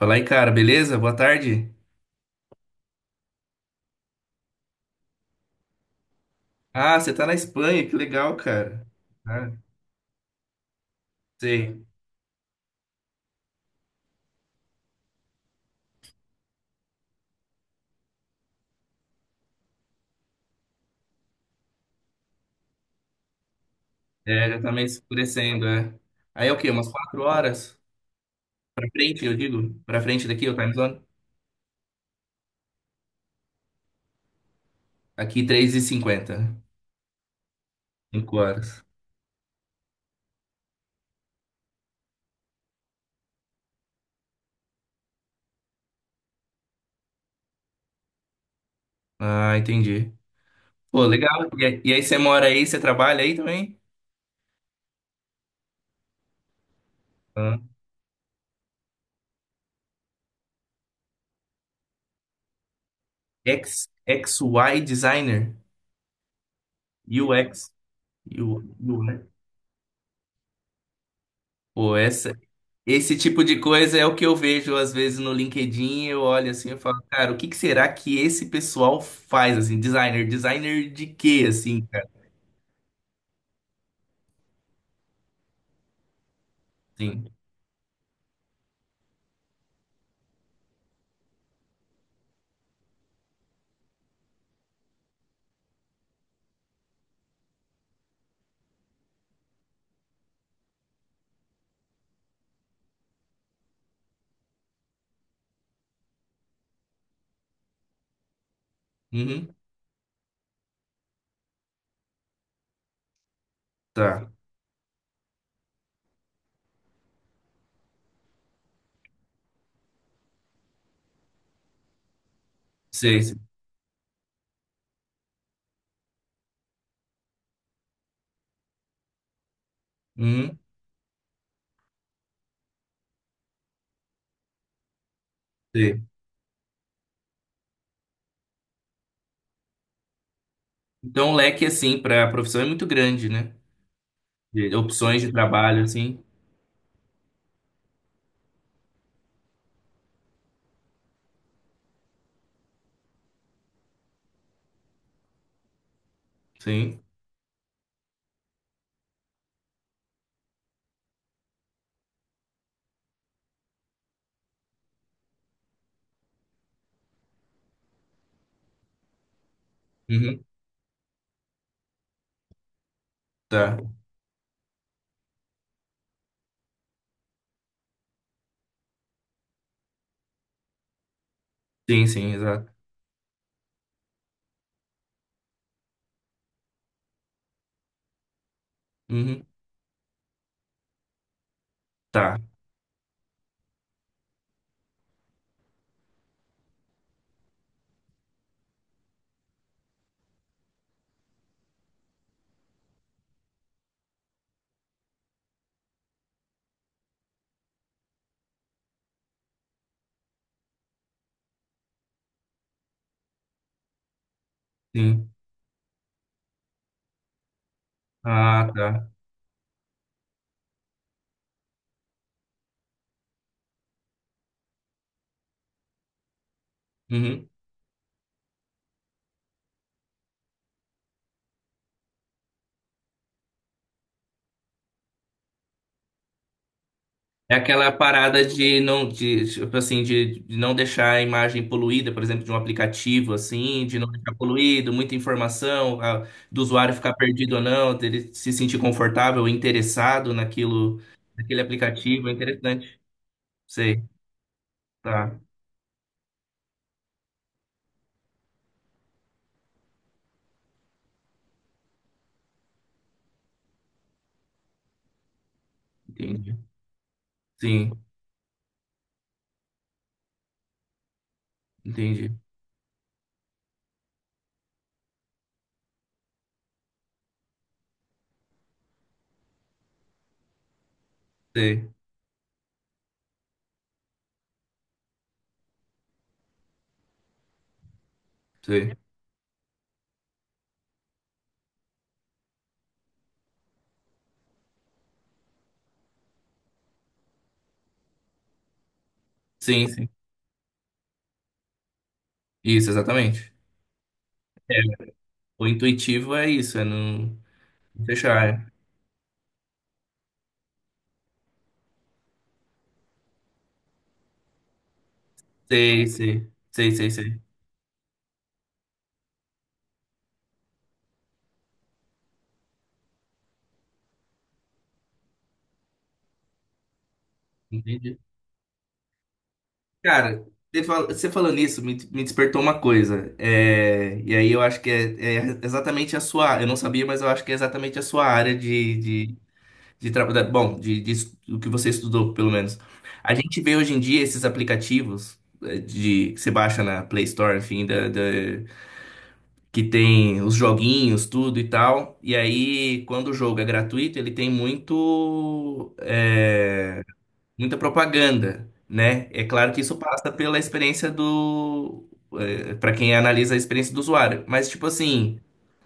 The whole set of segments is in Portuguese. Fala aí, cara, beleza? Boa tarde. Ah, você tá na Espanha, que legal, cara. Ah, sei. É, já tá meio escurecendo, é. Aí é o quê? Umas quatro horas? Pra frente, eu digo? Pra frente daqui, o time zone? Aqui, três e cinquenta. Cinco horas. Ah, entendi. Pô, legal. E aí você mora aí, você trabalha aí também? Ah. X Y Designer. UX. U, né? Pô, essa, Esse tipo de coisa é o que eu vejo às vezes no LinkedIn. Eu olho assim e falo, cara, o que que será que esse pessoal faz assim? Designer, designer de quê assim, cara? Sim. Uhum. Tá. Sei. Uhum. Sei. Então o leque assim para a profissão é muito grande, né? De opções de trabalho assim. Sim. Uhum. Tá. Sim, sim, exato. Uhum. Tá. Sim. Ah, tá. Uhum. É aquela parada de não, de, tipo assim, de não deixar a imagem poluída, por exemplo, de um aplicativo, assim, de não deixar poluído, muita informação, do usuário ficar perdido ou não, dele se sentir confortável, interessado naquilo, naquele aplicativo, é interessante. Sei, tá, entendi. Sim, entendi. Sei, sei. Sim, sim. Isso, exatamente. É, o intuitivo é isso, é não fechar. Sei, sei, sei, sei, sei. Entendi. Cara, você falando isso me despertou uma coisa. É, e aí eu acho que é, é exatamente a sua. Eu não sabia, mas eu acho que é exatamente a sua área de trabalho. Bom, do que você estudou, pelo menos. A gente vê hoje em dia esses aplicativos é, de, que você baixa na Play Store, enfim, que tem os joguinhos, tudo e tal. E aí, quando o jogo é gratuito, ele tem muito. É, muita propaganda, né? É claro que isso passa pela experiência do, para quem analisa a experiência do usuário, mas tipo assim,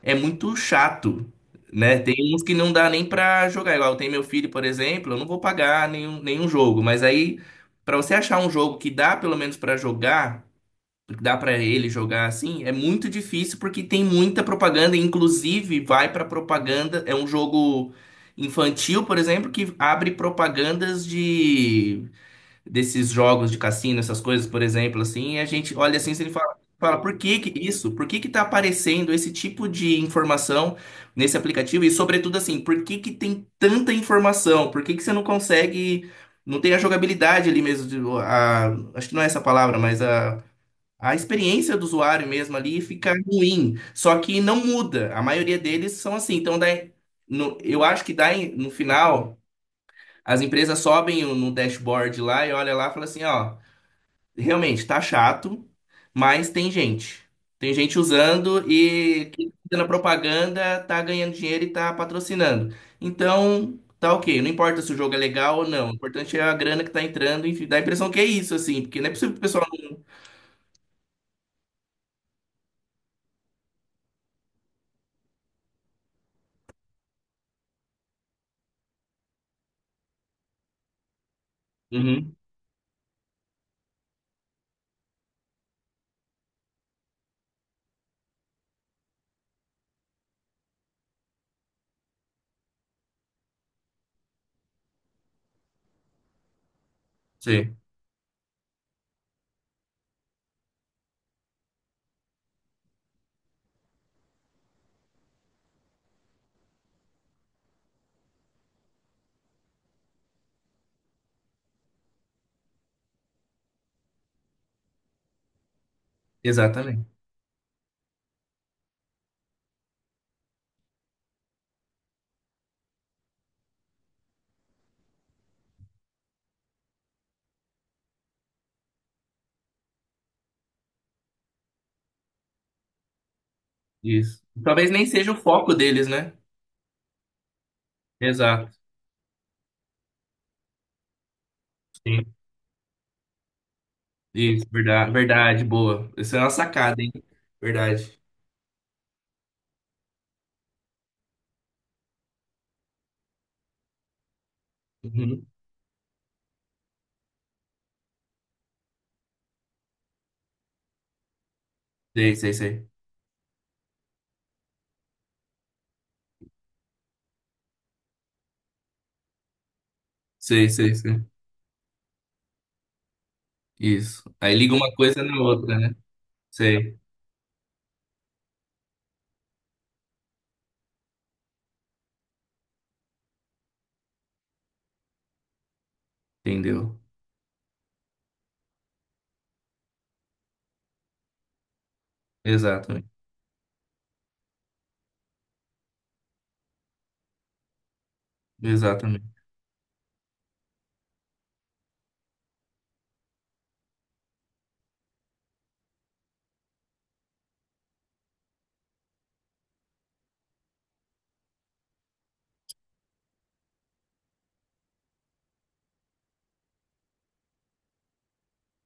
é muito chato, né? Tem uns que não dá nem pra jogar, igual tem meu filho, por exemplo, eu não vou pagar nenhum jogo, mas aí pra você achar um jogo que dá pelo menos pra jogar dá pra ele jogar assim, é muito difícil porque tem muita propaganda, inclusive vai pra propaganda, é um jogo infantil, por exemplo, que abre propagandas de desses jogos de cassino, essas coisas, por exemplo, assim, e a gente olha assim e fala Fala, por que que isso? Por que que tá aparecendo esse tipo de informação nesse aplicativo? E sobretudo assim, por que que tem tanta informação? Por que que você não consegue, não tem a jogabilidade ali mesmo, a, acho que não é essa palavra, mas a experiência do usuário mesmo ali fica ruim, só que não muda. A maioria deles são assim. Então, daí, eu acho que daí, no final, as empresas sobem no dashboard lá e olha lá e fala assim, ó, realmente tá chato, mas tem gente. Tem gente usando e quem tá fazendo a propaganda tá ganhando dinheiro e tá patrocinando. Então, tá ok. Não importa se o jogo é legal ou não. O importante é a grana que tá entrando, enfim, dá a impressão que é isso, assim, porque não é possível que o pessoal não. Uhum, sim, exatamente. Isso. Talvez nem seja o foco deles, né? Exato. Sim. Isso, verdade, verdade, boa. Isso é uma sacada, hein? Verdade. Uhum. Sei, sei, sei. Sei, sei, sei. Isso. Aí liga uma coisa na outra, né? Sei. Entendeu? Exatamente. Exatamente.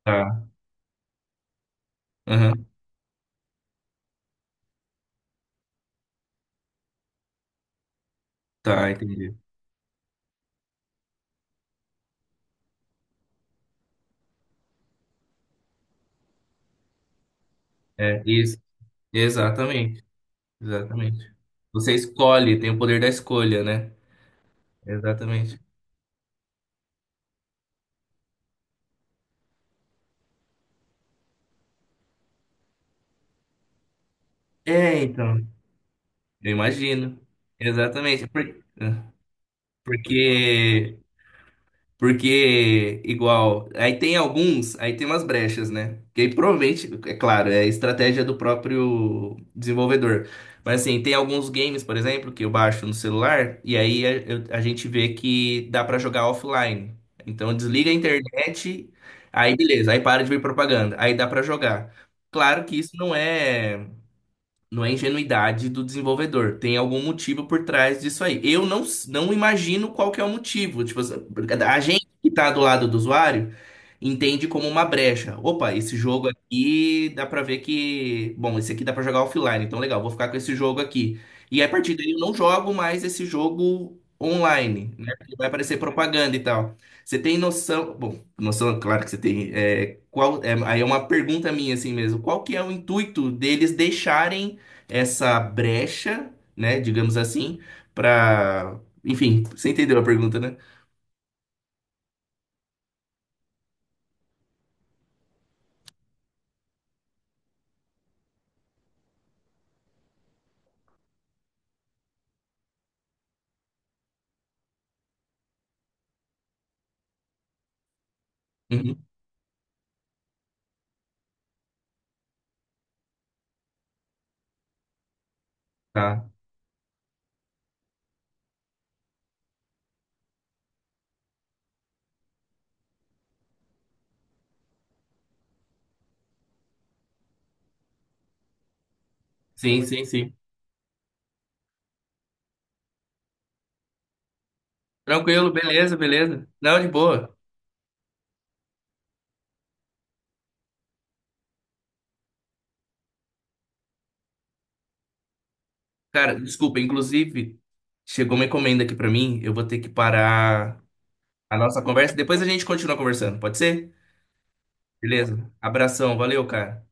Tá. Aham. Tá, entendi. É, isso. Exatamente. Exatamente. Você escolhe, tem o poder da escolha, né? Exatamente. É, então. Eu imagino. Exatamente. É, Porque Porque, igual, aí tem alguns, aí tem umas brechas, né? Que aí provavelmente, é claro, é estratégia do próprio desenvolvedor. Mas assim, tem alguns games, por exemplo, que eu baixo no celular, e aí a, a gente vê que dá pra jogar offline. Então desliga a internet, aí beleza, aí para de ver propaganda, aí dá pra jogar. Claro que isso não é. Não é ingenuidade do desenvolvedor. Tem algum motivo por trás disso aí. Eu não, s- não imagino qual que é o motivo. Tipo, assim, a gente que tá do lado do usuário entende como uma brecha. Opa, esse jogo aqui dá pra ver que. Bom, esse aqui dá pra jogar offline, então legal, vou ficar com esse jogo aqui. E a partir daí eu não jogo mais esse jogo online, né? Porque vai aparecer propaganda e tal. Você tem noção? Bom, noção, claro que você tem. É, qual, é, aí é uma pergunta minha assim mesmo. Qual que é o intuito deles deixarem essa brecha, né, digamos assim, para, enfim, você entendeu a pergunta, né? Uhum, tá. Sim, sim, sim. Tranquilo, beleza, beleza. Não, de boa. Cara, desculpa, inclusive, chegou uma encomenda aqui pra mim, eu vou ter que parar a nossa conversa, depois a gente continua conversando, pode ser? Beleza? Abração, valeu, cara.